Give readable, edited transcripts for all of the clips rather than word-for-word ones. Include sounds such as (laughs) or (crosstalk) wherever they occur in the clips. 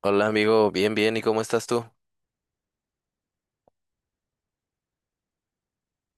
Hola amigo, bien, bien, ¿y cómo estás tú?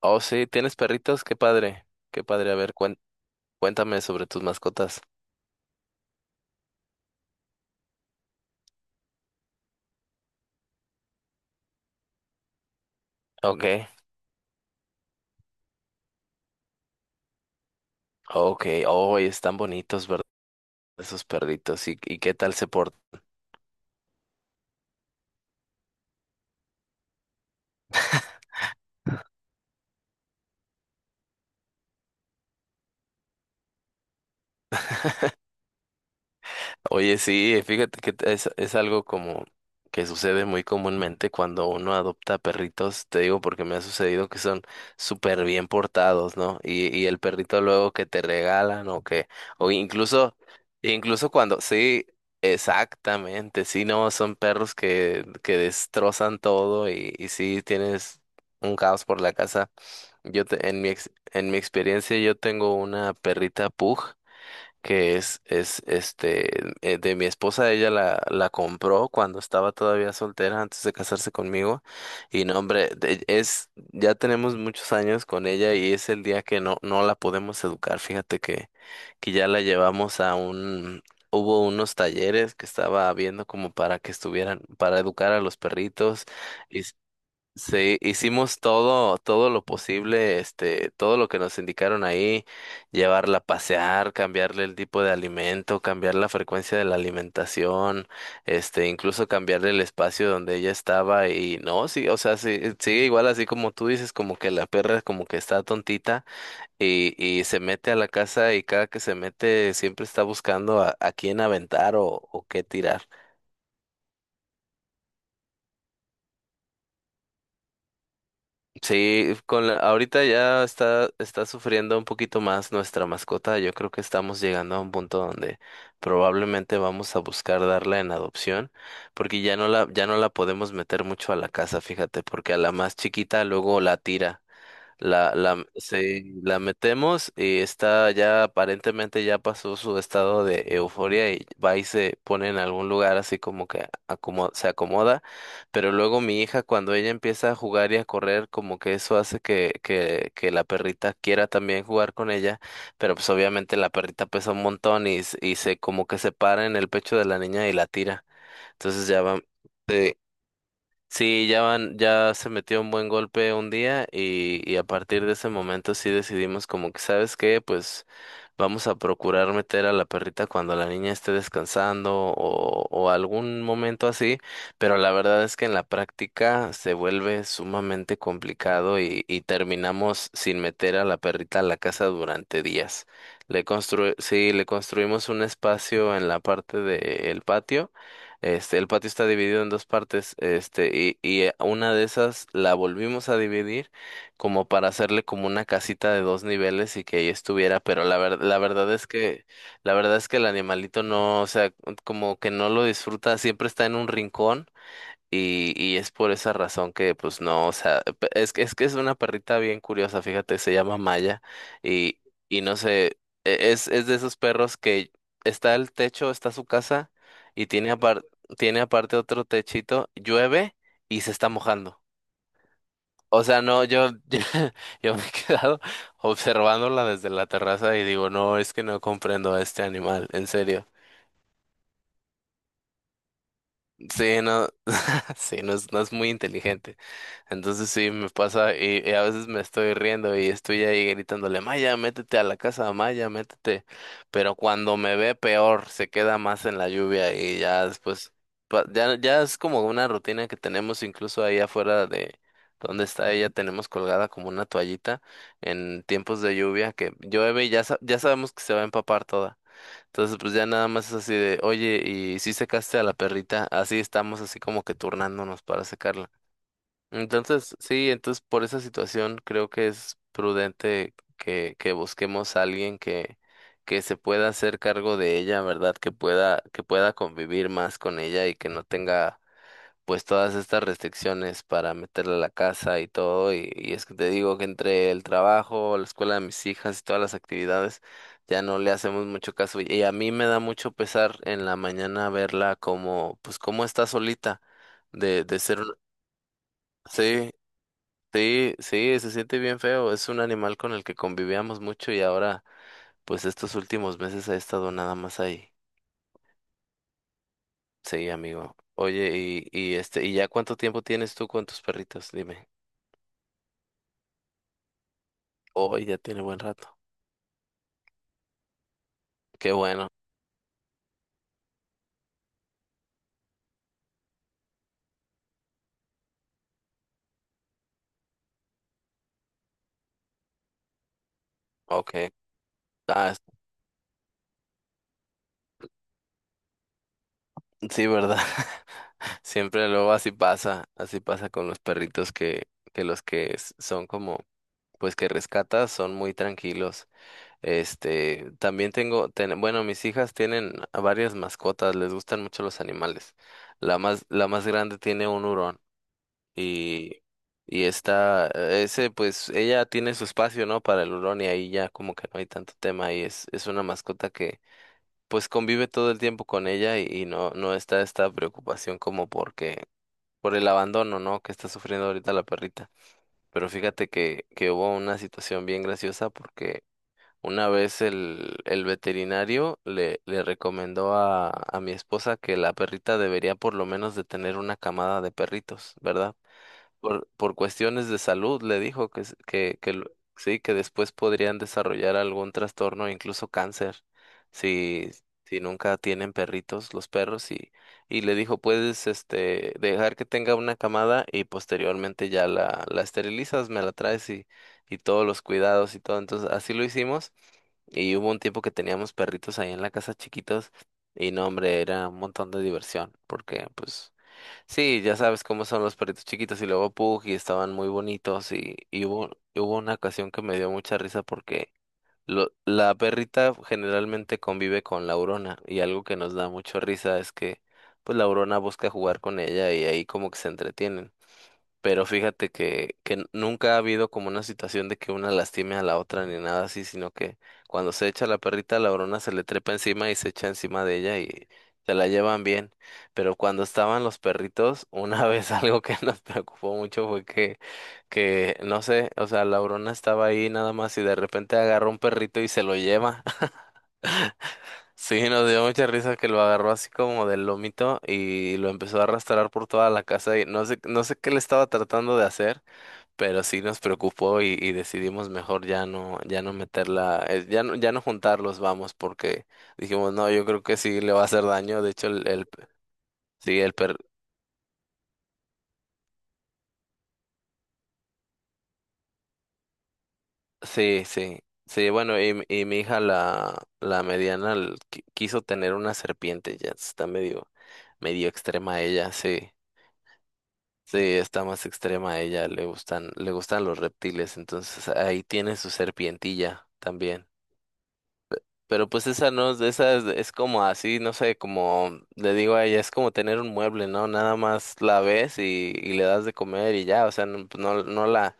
Oh, sí, ¿tienes perritos? Qué padre, qué padre. A ver, cuéntame sobre tus mascotas. Ok, ok, oh, y están bonitos, ¿verdad? Esos perritos, ¿y qué tal se portan? Oye, sí, fíjate que es algo como que sucede muy comúnmente cuando uno adopta perritos, te digo porque me ha sucedido que son súper bien portados, ¿no? Y el perrito luego que te regalan o incluso cuando, sí, exactamente, sí, no, son perros que destrozan todo y sí tienes un caos por la casa. En en mi experiencia yo tengo una perrita pug que es de mi esposa. Ella la compró cuando estaba todavía soltera antes de casarse conmigo. Y no, hombre, ya tenemos muchos años con ella y es el día que no la podemos educar. Fíjate que ya la llevamos a un, hubo unos talleres que estaba viendo como para que estuvieran, para educar a los perritos. Sí, hicimos todo, todo lo posible, todo lo que nos indicaron ahí: llevarla a pasear, cambiarle el tipo de alimento, cambiar la frecuencia de la alimentación, incluso cambiarle el espacio donde ella estaba. Y no, sí, o sea, sí, sigue igual, así como tú dices, como que la perra como que está tontita y, y se mete a la casa, y cada que se mete siempre está buscando a quién aventar o qué tirar. Sí, ahorita ya está sufriendo un poquito más nuestra mascota. Yo creo que estamos llegando a un punto donde probablemente vamos a buscar darla en adopción, porque ya no la podemos meter mucho a la casa, fíjate, porque a la más chiquita luego la tira. Sí, la metemos y está ya, aparentemente ya pasó su estado de euforia, y va y se pone en algún lugar así, como que se acomoda. Pero luego mi hija, cuando ella empieza a jugar y a correr, como que eso hace que la perrita quiera también jugar con ella, pero pues obviamente la perrita pesa un montón, y se como que se para en el pecho de la niña y la tira. Entonces ya va. eh, Sí, ya van, ya se metió un buen golpe un día, y a partir de ese momento sí decidimos como que, ¿sabes qué? Pues vamos a procurar meter a la perrita cuando la niña esté descansando, o algún momento así, pero la verdad es que en la práctica se vuelve sumamente complicado, y terminamos sin meter a la perrita a la casa durante días. Le constru sí, le construimos un espacio en la parte del patio. El patio está dividido en dos partes, y una de esas la volvimos a dividir como para hacerle como una casita de dos niveles y que ahí estuviera, pero la verdad es que el animalito no, o sea, como que no lo disfruta, siempre está en un rincón, y es por esa razón que, pues no, o sea, es que es una perrita bien curiosa, fíjate. Se llama Maya, y, y no sé, es de esos perros que está el techo, está su casa y tiene aparte otro techito, llueve y se está mojando. O sea, no, (laughs) yo me he quedado observándola desde la terraza y digo, no, es que no comprendo a este animal, en serio. Sí, no, (laughs) sí, no es muy inteligente. Entonces sí, me pasa, y a veces me estoy riendo y estoy ahí gritándole: Maya, métete a la casa, Maya, métete. Pero cuando me ve, peor, se queda más en la lluvia. Y ya después, ya, ya es como una rutina que tenemos. Incluso ahí afuera de donde está ella, tenemos colgada como una toallita en tiempos de lluvia, que llueve y ya, ya sabemos que se va a empapar toda. Entonces, pues ya nada más es así de: oye, ¿y si secaste a la perrita? Así estamos, así como que turnándonos para secarla. Entonces, sí, entonces por esa situación creo que es prudente que busquemos a alguien que se pueda hacer cargo de ella, ¿verdad? Que pueda convivir más con ella y que no tenga pues todas estas restricciones para meterle a la casa y todo, y es que te digo que entre el trabajo, la escuela de mis hijas y todas las actividades, ya no le hacemos mucho caso. Y a mí me da mucho pesar en la mañana verla como, pues como está solita, de, de ser, un- sí, sí, sí, se siente bien feo, es un animal con el que convivíamos mucho y ahora, pues estos últimos meses ha estado nada más ahí. Sí, amigo. Oye, ¿y ya cuánto tiempo tienes tú con tus perritos? Dime. Hoy ya tiene buen rato. Qué bueno. Ok. Ah, sí, ¿verdad? (laughs) Siempre luego así pasa con los perritos que los que son como, pues que rescatas, son muy tranquilos. Bueno, mis hijas tienen a varias mascotas, les gustan mucho los animales. La más grande tiene un hurón. y, pues ella tiene su espacio, ¿no? Para el hurón. Y ahí ya como que no hay tanto tema, y es una mascota, pues convive todo el tiempo con ella, y no está esta preocupación como porque, por el abandono, ¿no? que está sufriendo ahorita la perrita. Pero fíjate que hubo una situación bien graciosa porque una vez el veterinario le recomendó a mi esposa que la perrita debería por lo menos de tener una camada de perritos, ¿verdad? Por cuestiones de salud, le dijo que, s- que lo- sí, que después podrían desarrollar algún trastorno, incluso cáncer, si, si nunca tienen perritos los perros. Y le dijo: puedes, dejar que tenga una camada y posteriormente ya la esterilizas, me la traes, y todos los cuidados y todo. Entonces, así lo hicimos. Y hubo un tiempo que teníamos perritos ahí en la casa chiquitos y no, hombre, era un montón de diversión, porque pues sí, ya sabes cómo son los perritos chiquitos, y luego Pug, y estaban muy bonitos. Y hubo una ocasión que me dio mucha risa porque la perrita generalmente convive con la Aurona, y algo que nos da mucha risa es que pues la Aurona busca jugar con ella y ahí como que se entretienen. Pero fíjate que nunca ha habido como una situación de que una lastime a la otra ni nada así, sino que cuando se echa la perrita, la brona se le trepa encima y se echa encima de ella, y se la llevan bien. Pero cuando estaban los perritos, una (laughs) vez algo que nos preocupó mucho fue que no sé, o sea, la brona estaba ahí nada más y de repente agarró un perrito y se lo lleva. (laughs) Sí, nos dio mucha risa que lo agarró así como del lomito y lo empezó a arrastrar por toda la casa, y no sé, no sé qué le estaba tratando de hacer, pero sí nos preocupó, y decidimos mejor ya no, ya no, meterla, ya no juntarlos, vamos, porque dijimos, no, yo creo que sí le va a hacer daño. De hecho, sí, sí, sí, sí, bueno, y mi hija, la mediana, quiso tener una serpiente. Ya está medio extrema ella, sí. Sí, está más extrema ella, le gustan los reptiles, entonces ahí tiene su serpientilla también. Pero pues esa no, esa es como así, no sé, como le digo a ella, es como tener un mueble, ¿no? Nada más la ves y le das de comer y ya, o sea, no, pues, no, no la,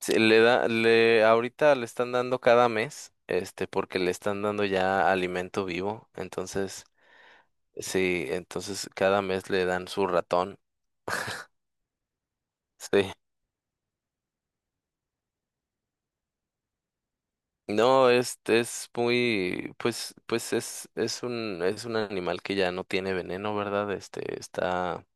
se le da, le, ahorita le están dando cada mes, porque le están dando ya alimento vivo. Entonces, sí, entonces cada mes le dan su ratón, sí. No, este es muy, pues es un animal que ya no tiene veneno, ¿verdad? Este, está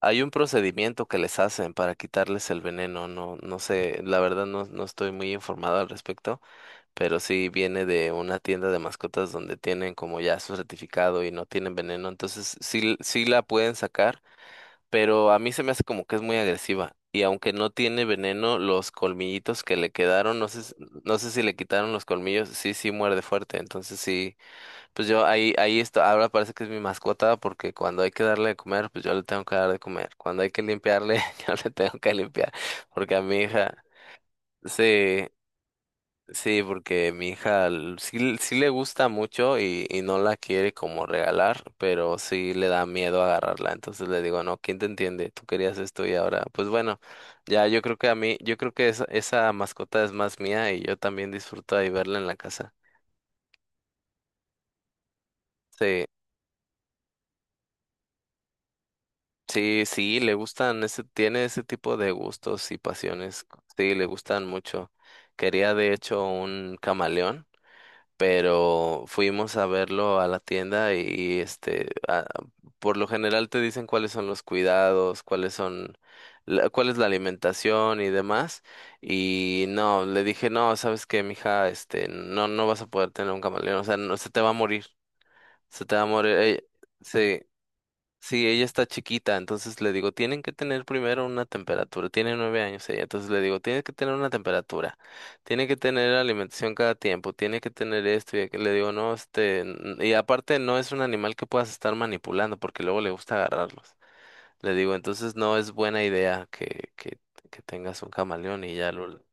Hay un procedimiento que les hacen para quitarles el veneno, no, no sé, la verdad no estoy muy informado al respecto, pero sí viene de una tienda de mascotas donde tienen como ya su certificado y no tienen veneno, entonces sí, sí la pueden sacar, pero a mí se me hace como que es muy agresiva. Y aunque no tiene veneno, los colmillitos que le quedaron, no sé, no sé si le quitaron los colmillos, sí, sí muerde fuerte, entonces sí. Pues yo ahí está, ahora parece que es mi mascota porque cuando hay que darle de comer, pues yo le tengo que dar de comer. Cuando hay que limpiarle, (laughs) yo le tengo que limpiar. Porque a mi hija, Sí, sí, porque mi hija l- sí, sí le gusta mucho, y no la quiere como regalar, pero sí le da miedo agarrarla. Entonces le digo, no, ¿quién te entiende? Tú querías esto y ahora, pues bueno, ya yo creo que esa mascota es más mía, y yo también disfruto ahí verla en la casa. Sí. Sí, sí, tiene ese tipo de gustos y pasiones. Sí, le gustan mucho. Quería de hecho un camaleón, pero fuimos a verlo a la tienda por lo general te dicen cuáles son los cuidados, cuál es la alimentación y demás. Y no, le dije, no, sabes qué, mija, no vas a poder tener un camaleón, o sea, no, se te va a morir, se te va a morir. Sí, sí, ella está chiquita, entonces le digo, tienen que tener primero una temperatura, tiene 9 años ella, entonces le digo, tienes que tener una temperatura, tiene que tener alimentación cada tiempo, tiene que tener esto y aquello. Le digo, no, y aparte no es un animal que puedas estar manipulando, porque luego le gusta agarrarlos. Le digo, entonces no es buena idea que tengas un camaleón y ya lo...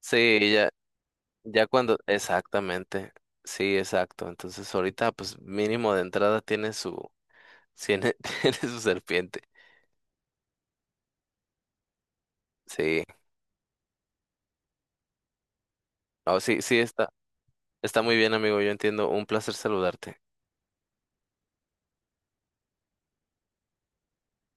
Sí, ya, ya cuando, exactamente, sí, exacto, entonces ahorita pues mínimo de entrada tiene, (laughs) tiene su serpiente. Sí, no, sí, sí, está muy bien, amigo. Yo entiendo. Un placer saludarte.